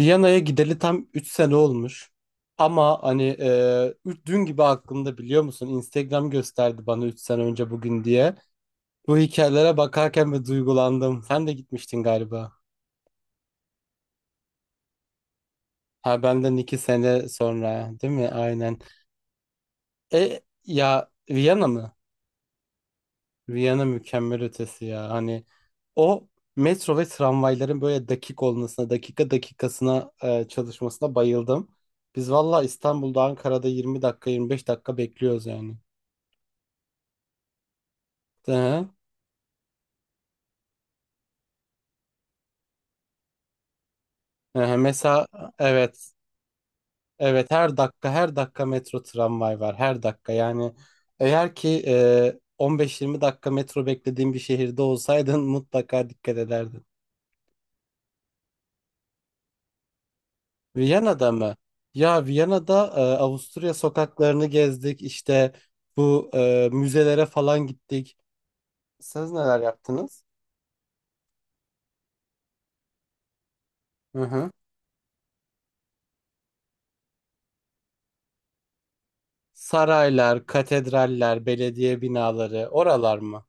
Viyana'ya gideli tam 3 sene olmuş. Ama hani dün gibi aklımda biliyor musun? Instagram gösterdi bana 3 sene önce bugün diye. Bu hikayelere bakarken ve duygulandım. Sen de gitmiştin galiba. Ha benden 2 sene sonra değil mi? Aynen. E ya Viyana mı? Viyana mükemmel ötesi ya. Hani o metro ve tramvayların böyle dakik olmasına, dakika dakikasına çalışmasına bayıldım. Biz valla İstanbul'da Ankara'da 20 dakika 25 dakika bekliyoruz yani. Hı hı. Hı hı. Mesela evet, evet, her dakika her dakika metro tramvay var her dakika yani eğer ki 15 20 dakika metro beklediğin bir şehirde olsaydın mutlaka dikkat ederdin. Viyana'da mı? Ya Viyana'da Avusturya sokaklarını gezdik. İşte bu müzelere falan gittik. Siz neler yaptınız? Hı hı. Saraylar, katedraller, belediye binaları, oralar mı?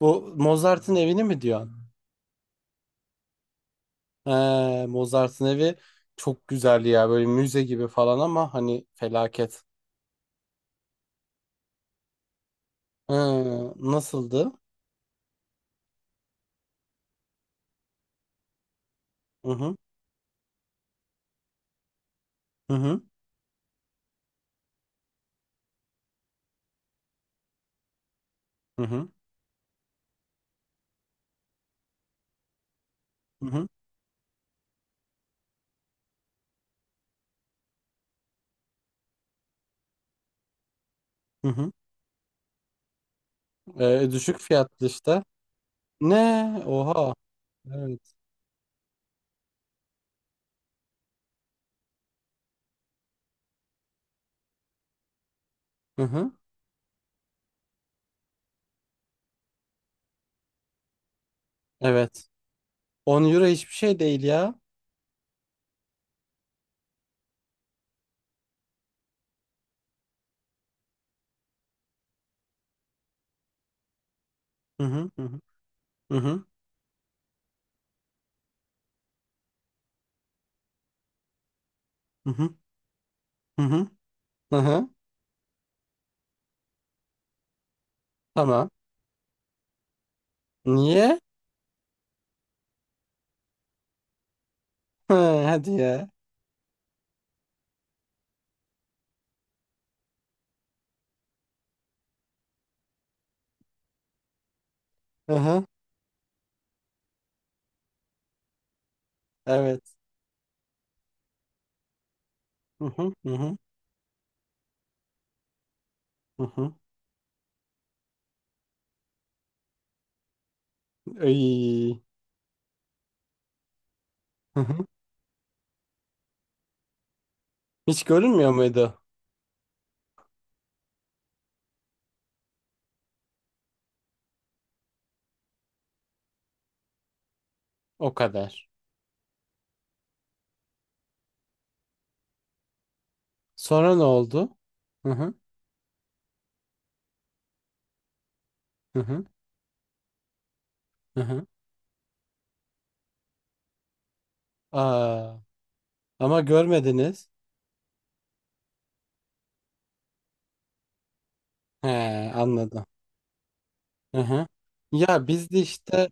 Bu Mozart'ın evini mi diyorsun? He, Mozart'ın evi çok güzel ya. Böyle müze gibi falan ama hani felaket. He, nasıldı? Hı hı. Hı hı. Hı hı. Hı hı. Hı hı. E, düşük fiyatlı işte. Ne? Oha. Evet. Hı hı. Evet. 10 euro hiçbir şey değil ya. Hı hı, hı hı, hı hı, hı hı, hı. Hı hı. Hı. Tamam. Niye? Hı, hadi ya. Hı hı. Evet. Hı hı, hı hı, hı hı. Ay. Hı hı. Hiç görünmüyor muydu? O kadar. Sonra ne oldu? Hı hı, hı hı, hı hı. Aa, ama görmediniz. He, anladım. Hı hı. Ya biz de işte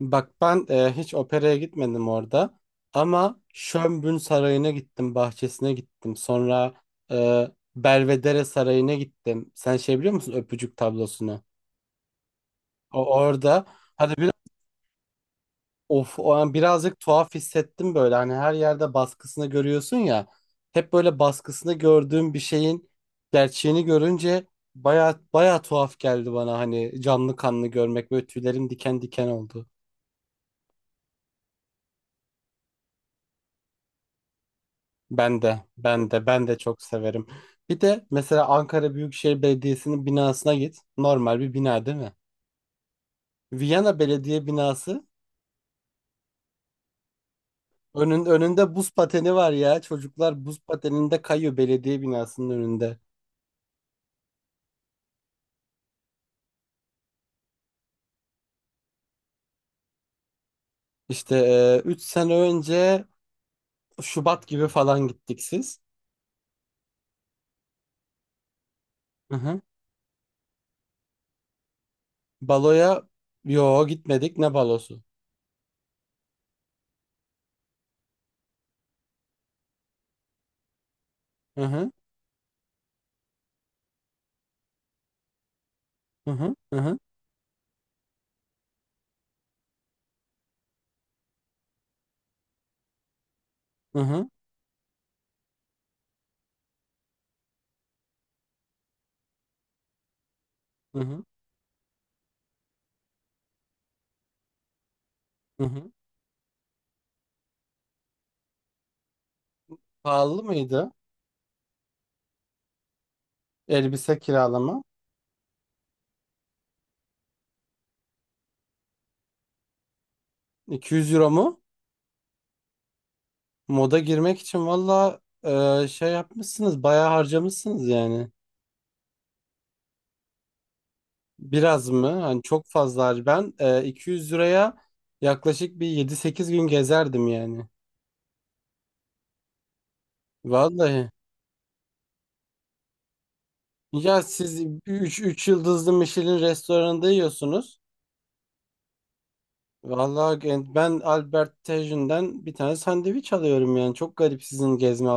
bak ben hiç operaya gitmedim orada ama Schönbrunn Sarayı'na gittim, bahçesine gittim. Sonra e, Belvedere Sarayı'na gittim. Sen şey biliyor musun öpücük tablosunu? O orada hadi bir of o an birazcık tuhaf hissettim böyle. Hani her yerde baskısını görüyorsun ya. Hep böyle baskısını gördüğüm bir şeyin gerçeğini görünce baya baya tuhaf geldi bana hani canlı kanlı görmek böyle tüylerim diken diken oldu. Ben de, ben de, ben de çok severim. Bir de mesela Ankara Büyükşehir Belediyesi'nin binasına git. Normal bir bina değil mi? Viyana Belediye binası. Önün, önünde buz pateni var ya. Çocuklar buz pateninde kayıyor belediye binasının önünde. İşte 3 sene önce Şubat gibi falan gittik siz. Hı hı. Baloya yo gitmedik, ne balosu? Hı hı, hı hı, hı hı, hı hı, hı. Hı hı. Pahalı mıydı elbise kiralama? 200 euro mu? Moda girmek için valla şey yapmışsınız bayağı harcamışsınız yani. Biraz mı? Hani çok fazla har- ben e, 200 liraya yaklaşık bir 7 8 gün gezerdim yani. Vallahi. Ya siz üç yıldızlı Michelin restoranında yiyorsunuz. Ben Albert Tajin'den bir tane sandviç alıyorum yani. Çok garip sizin gezme.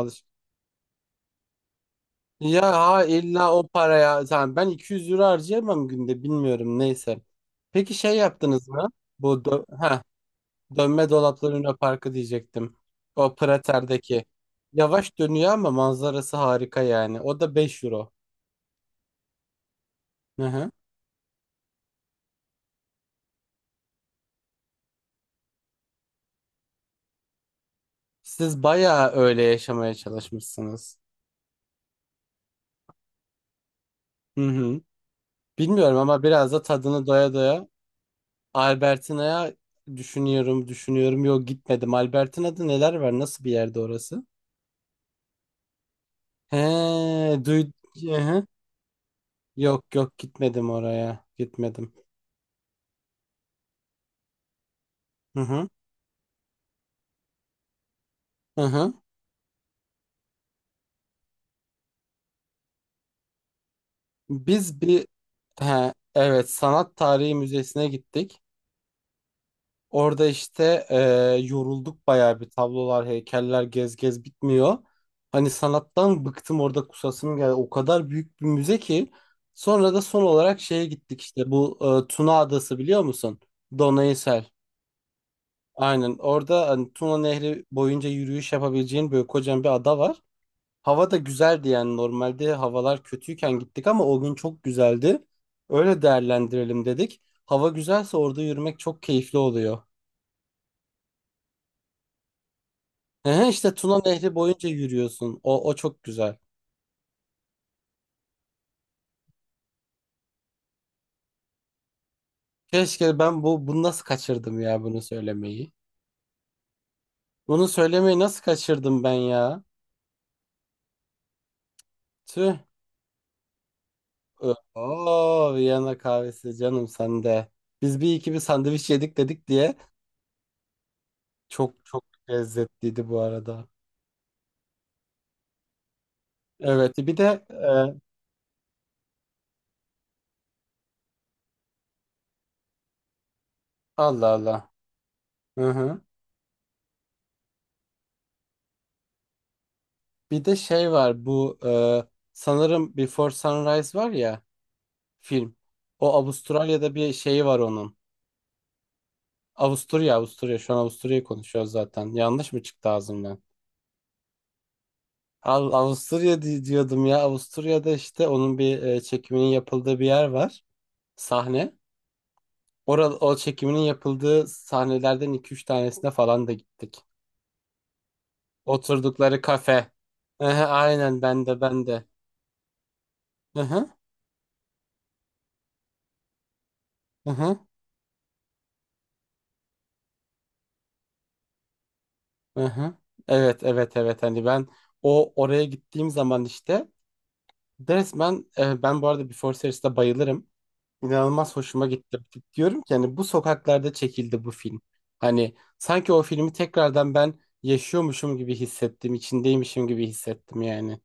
Ya ha, illa o paraya tamam ben 200 euro harcayamam günde bilmiyorum neyse. Peki şey yaptınız mı? Bu dö- ha dönme dolaplı Luna Parkı diyecektim. O Prater'deki. Yavaş dönüyor ama manzarası harika yani. O da 5 euro. Hı hı. Siz bayağı öyle yaşamaya çalışmışsınız. Hı hı. Bilmiyorum ama biraz da tadını doya doya Albertina'ya düşünüyorum, düşünüyorum. Yok gitmedim. Albertina'da neler var? Nasıl bir yerde orası? He, duy. Hı hı. Yok, yok, gitmedim oraya. Gitmedim. Hı hı. Hı hı. Biz bir he, evet Sanat Tarihi Müzesi'ne gittik. Orada işte yorulduk bayağı bir tablolar, heykeller gez gez bitmiyor. Hani sanattan bıktım orada kusasım geldi. O kadar büyük bir müze ki. Sonra da son olarak şeye gittik işte bu Tuna Adası biliyor musun? Donaysel. Aynen orada hani Tuna Nehri boyunca yürüyüş yapabileceğin böyle kocaman bir ada var. Hava da güzeldi yani normalde havalar kötüyken gittik ama o gün çok güzeldi. Öyle değerlendirelim dedik. Hava güzelse orada yürümek çok keyifli oluyor. Ehe, işte Tuna Nehri boyunca yürüyorsun. O, o çok güzel. Keşke ben bunu nasıl kaçırdım ya bunu söylemeyi. Bunu söylemeyi nasıl kaçırdım ben ya? Tüh. Oo, Viyana kahvesi canım sende. Biz bir sandviç yedik dedik diye çok çok lezzetliydi bu arada. Evet bir de e, Allah Allah. Hı hı. Bir de şey var bu sanırım Before Sunrise var ya film. O Avustralya'da bir şeyi var onun. Avusturya, Avusturya, şu an Avusturya'yı konuşuyoruz zaten. Yanlış mı çıktı ağzımdan? Avusturya diyordum ya. Avusturya'da işte onun bir çekiminin yapıldığı bir yer var. Sahne. Orada o çekiminin yapıldığı sahnelerden 2 3 tanesine falan da gittik. Oturdukları kafe. Hı, aynen, ben de, ben de. Hı hı. Aha. Evet, evet, evet, hani ben oraya gittiğim zaman işte resmen ben bu arada Before Series'te bayılırım. İnanılmaz hoşuma gitti. Diyorum ki hani bu sokaklarda çekildi bu film. Hani sanki o filmi tekrardan ben yaşıyormuşum gibi hissettim, içindeymişim gibi hissettim yani.